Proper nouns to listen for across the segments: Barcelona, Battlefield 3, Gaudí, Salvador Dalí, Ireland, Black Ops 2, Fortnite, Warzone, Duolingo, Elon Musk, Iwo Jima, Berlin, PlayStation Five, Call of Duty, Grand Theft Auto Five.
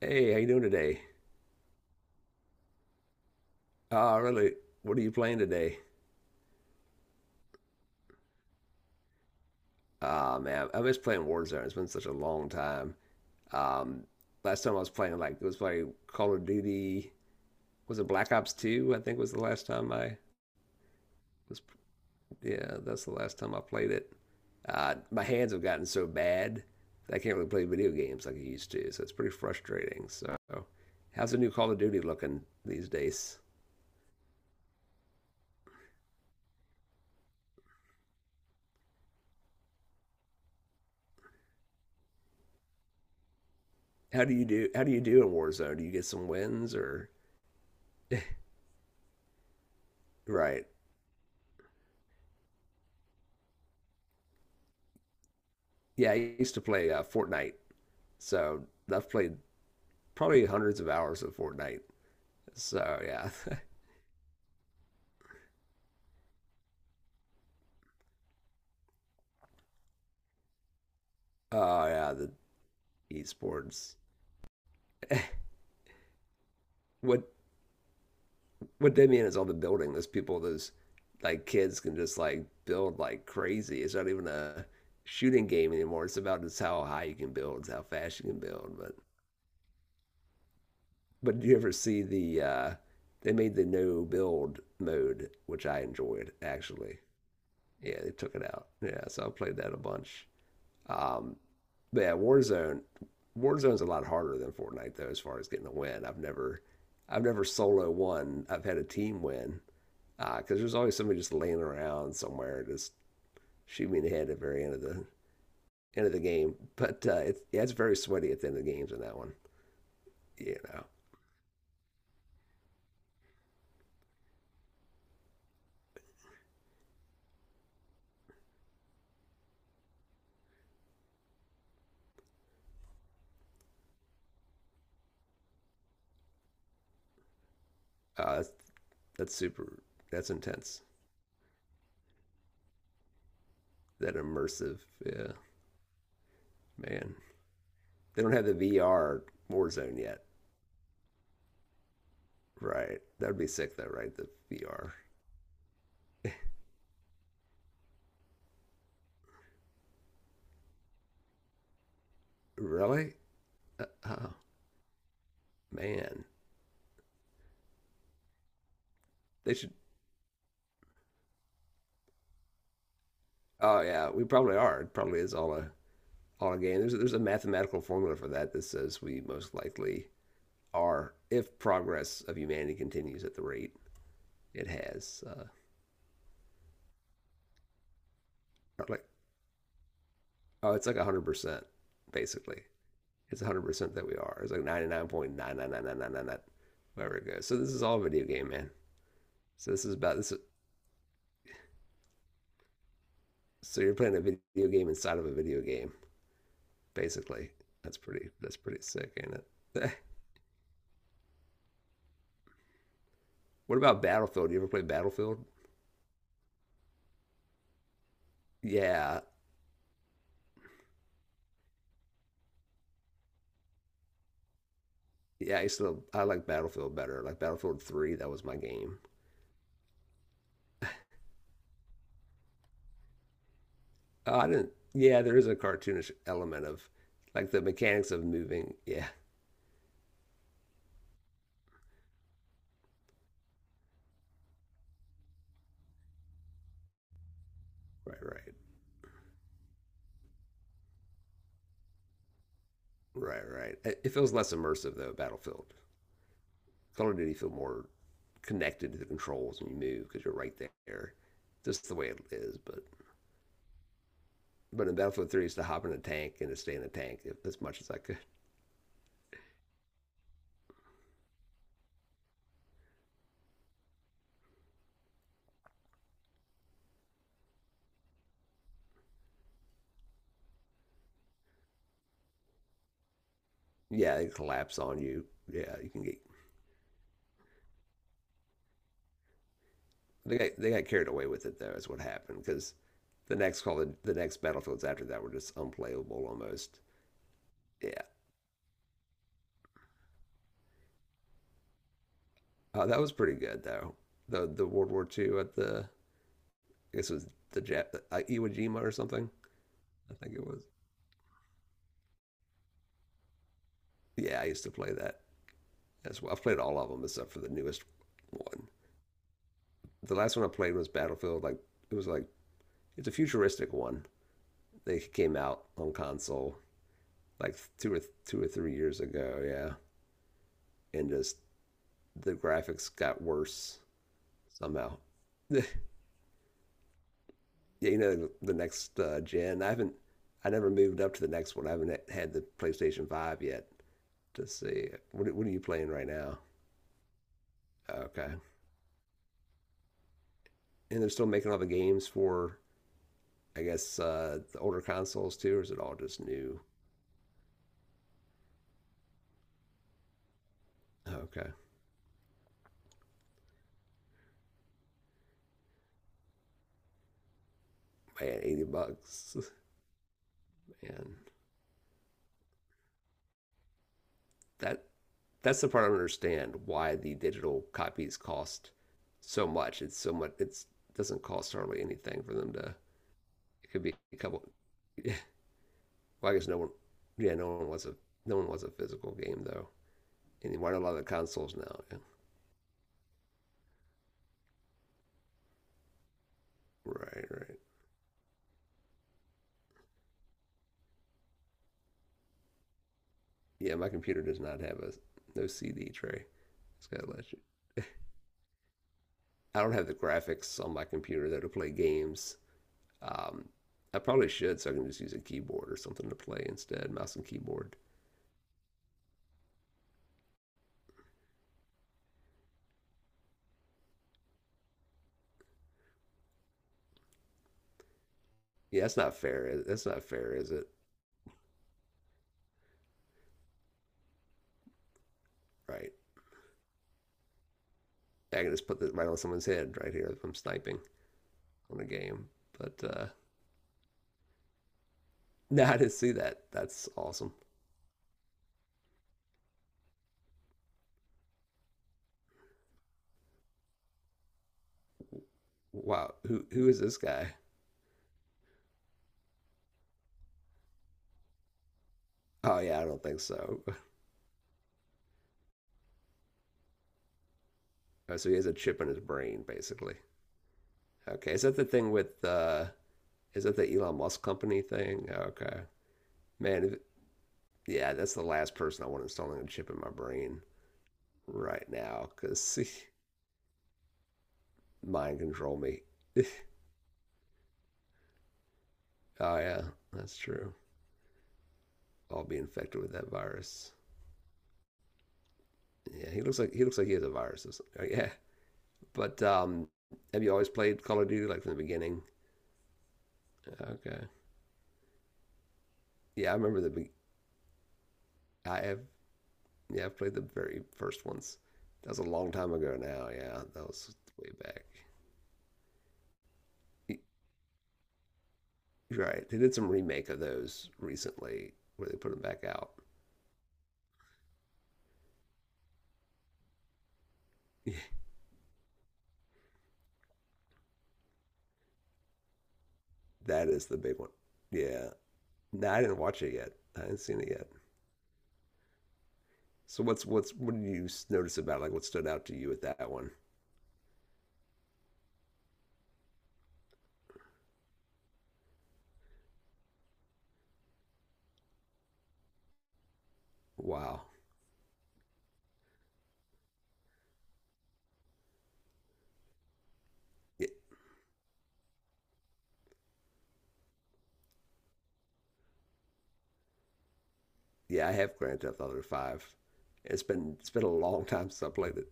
Hey, how you doing today? Ah, really? What are you playing today? Ah, man, I miss playing Warzone. It's been such a long time. Um, Last time I was playing, like, it was playing Call of Duty. Was it Black Ops 2? I think was the last time I was. Yeah, that's the last time I played it. My hands have gotten so bad that I can't really play video games like I used to, so it's pretty frustrating. So, how's the new Call of Duty looking these days? How do you do in Warzone? Do you get some wins or? Right. Yeah, I used to play Fortnite, so I've played probably hundreds of hours of Fortnite. So yeah, oh yeah, the esports. What what they mean is all the building. Those people, those like kids can just like build like crazy. It's not even a shooting game anymore. It's about just how high you can build, how fast you can build. But do you ever see the they made the no build mode, which I enjoyed actually. Yeah, they took it out. Yeah, so I played that a bunch. Um, but yeah, Warzone. Warzone's a lot harder than Fortnite though, as far as getting a win. I've never solo won. I've had a team win because there's always somebody just laying around somewhere, just shoot me in the head at the very end of the game. But it's yeah, it's very sweaty at the end of the games in that one. You know, uh, that's, that's super. That's intense. That immersive. Yeah, man. They don't have the VR Warzone yet, right? That would be sick though, right? The VR. Really? Oh man, they should. Oh yeah, we probably are. It probably is all a game. There's a mathematical formula for that that says we most likely are if progress of humanity continues at the rate it has. Like, oh, it's like 100% basically. It's 100% that we are. It's like 99.9999999 wherever it goes. So this is all a video game, man. So this is about this. So you're playing a video game inside of a video game, basically. That's pretty sick, ain't it? What about Battlefield? You ever play Battlefield? Yeah, yeah. I like Battlefield better. Like Battlefield 3, that was my game. Oh, I didn't. Yeah, there is a cartoonish element of like the mechanics of moving. Yeah, right, right, right, right. It feels less immersive though. Battlefield, Call of Duty feel more connected to the controls when you move because you're right there, just the way it is. But in Battlefield 3, it's to hop in a tank and to stay in a tank if, as much as I could. Yeah, it collapse on you. Yeah, you can get they got carried away with it though, is what happened because the next battlefields after that were just unplayable almost. Yeah, that was pretty good though. The World War II at the, I guess it was the Iwo Jima or something. I think it was. Yeah, I used to play that as well. I've played all of them except for the newest one. The last one I played was Battlefield. Like it was like it's a futuristic one. They came out on console like two or three years ago. Yeah, and just the graphics got worse somehow. yeah, you know the next gen. I haven't. I never moved up to the next one. I haven't had the PlayStation 5 yet to see. What are you playing right now? Okay, and they're still making all the games for. I guess the older consoles too, or is it all just new? Okay, man, 80 bucks. Man, that that's the part I don't understand why the digital copies cost so much. It's so much. It's doesn't cost hardly anything for them to. It could be a couple. Yeah, well, I guess no one. Yeah, no one wants a physical game though. And why do a lot of the consoles now? Yeah. Right, right. Yeah, my computer does not have a no CD tray. It's gotta let you. I don't have the graphics on my computer though to play games. Um, I probably should, so I can just use a keyboard or something to play instead, mouse and keyboard. Yeah, that's not fair. That's not fair, is it? Right. I can just put this right on someone's head right here if I'm sniping on a game. But no, I didn't see that. That's awesome. Wow, who is this guy? Oh yeah, I don't think so. Oh, so he has a chip in his brain, basically. Okay, is that the Elon Musk company thing? Okay. Man, if, yeah, that's the last person I want installing a chip in my brain right now because mind control me. Oh yeah, that's true. I'll be infected with that virus. Yeah, he looks like he has a virus. Or something. Oh, yeah, but have you always played Call of Duty like from the beginning? Okay. Yeah, I remember the. Be- I have Yeah, I've played the very first ones. That was a long time ago now. Yeah, that was way back. Right. They did some remake of those recently where they put them back out. That is the big one. Yeah. No, I didn't watch it yet. I haven't seen it yet. So what's what did you s- notice about like what stood out to you with that one? Wow. Y- Yeah, I have Grand Theft Auto 5. It's been a long time since I played it.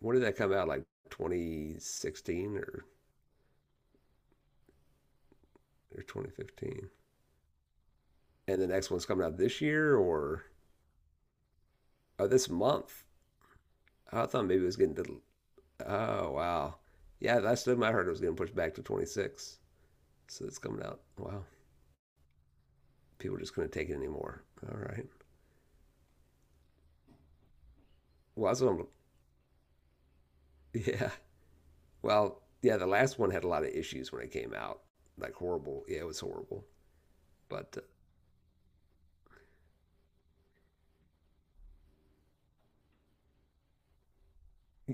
When did that come out? Like 2016 or 2015? And the next one's coming out this year or oh, this month. I thought maybe it was getting to. Oh wow, yeah, last time I heard it was getting pushed back to 26, so it's coming out. Wow, people just couldn't take it anymore. All right. Well, that's what I'm, yeah. Well, yeah, the last one had a lot of issues when it came out, like horrible. Yeah, it was horrible. But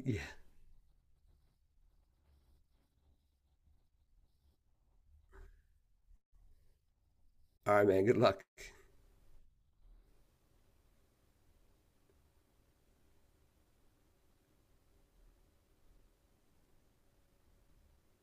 yeah. All right, man. Good luck.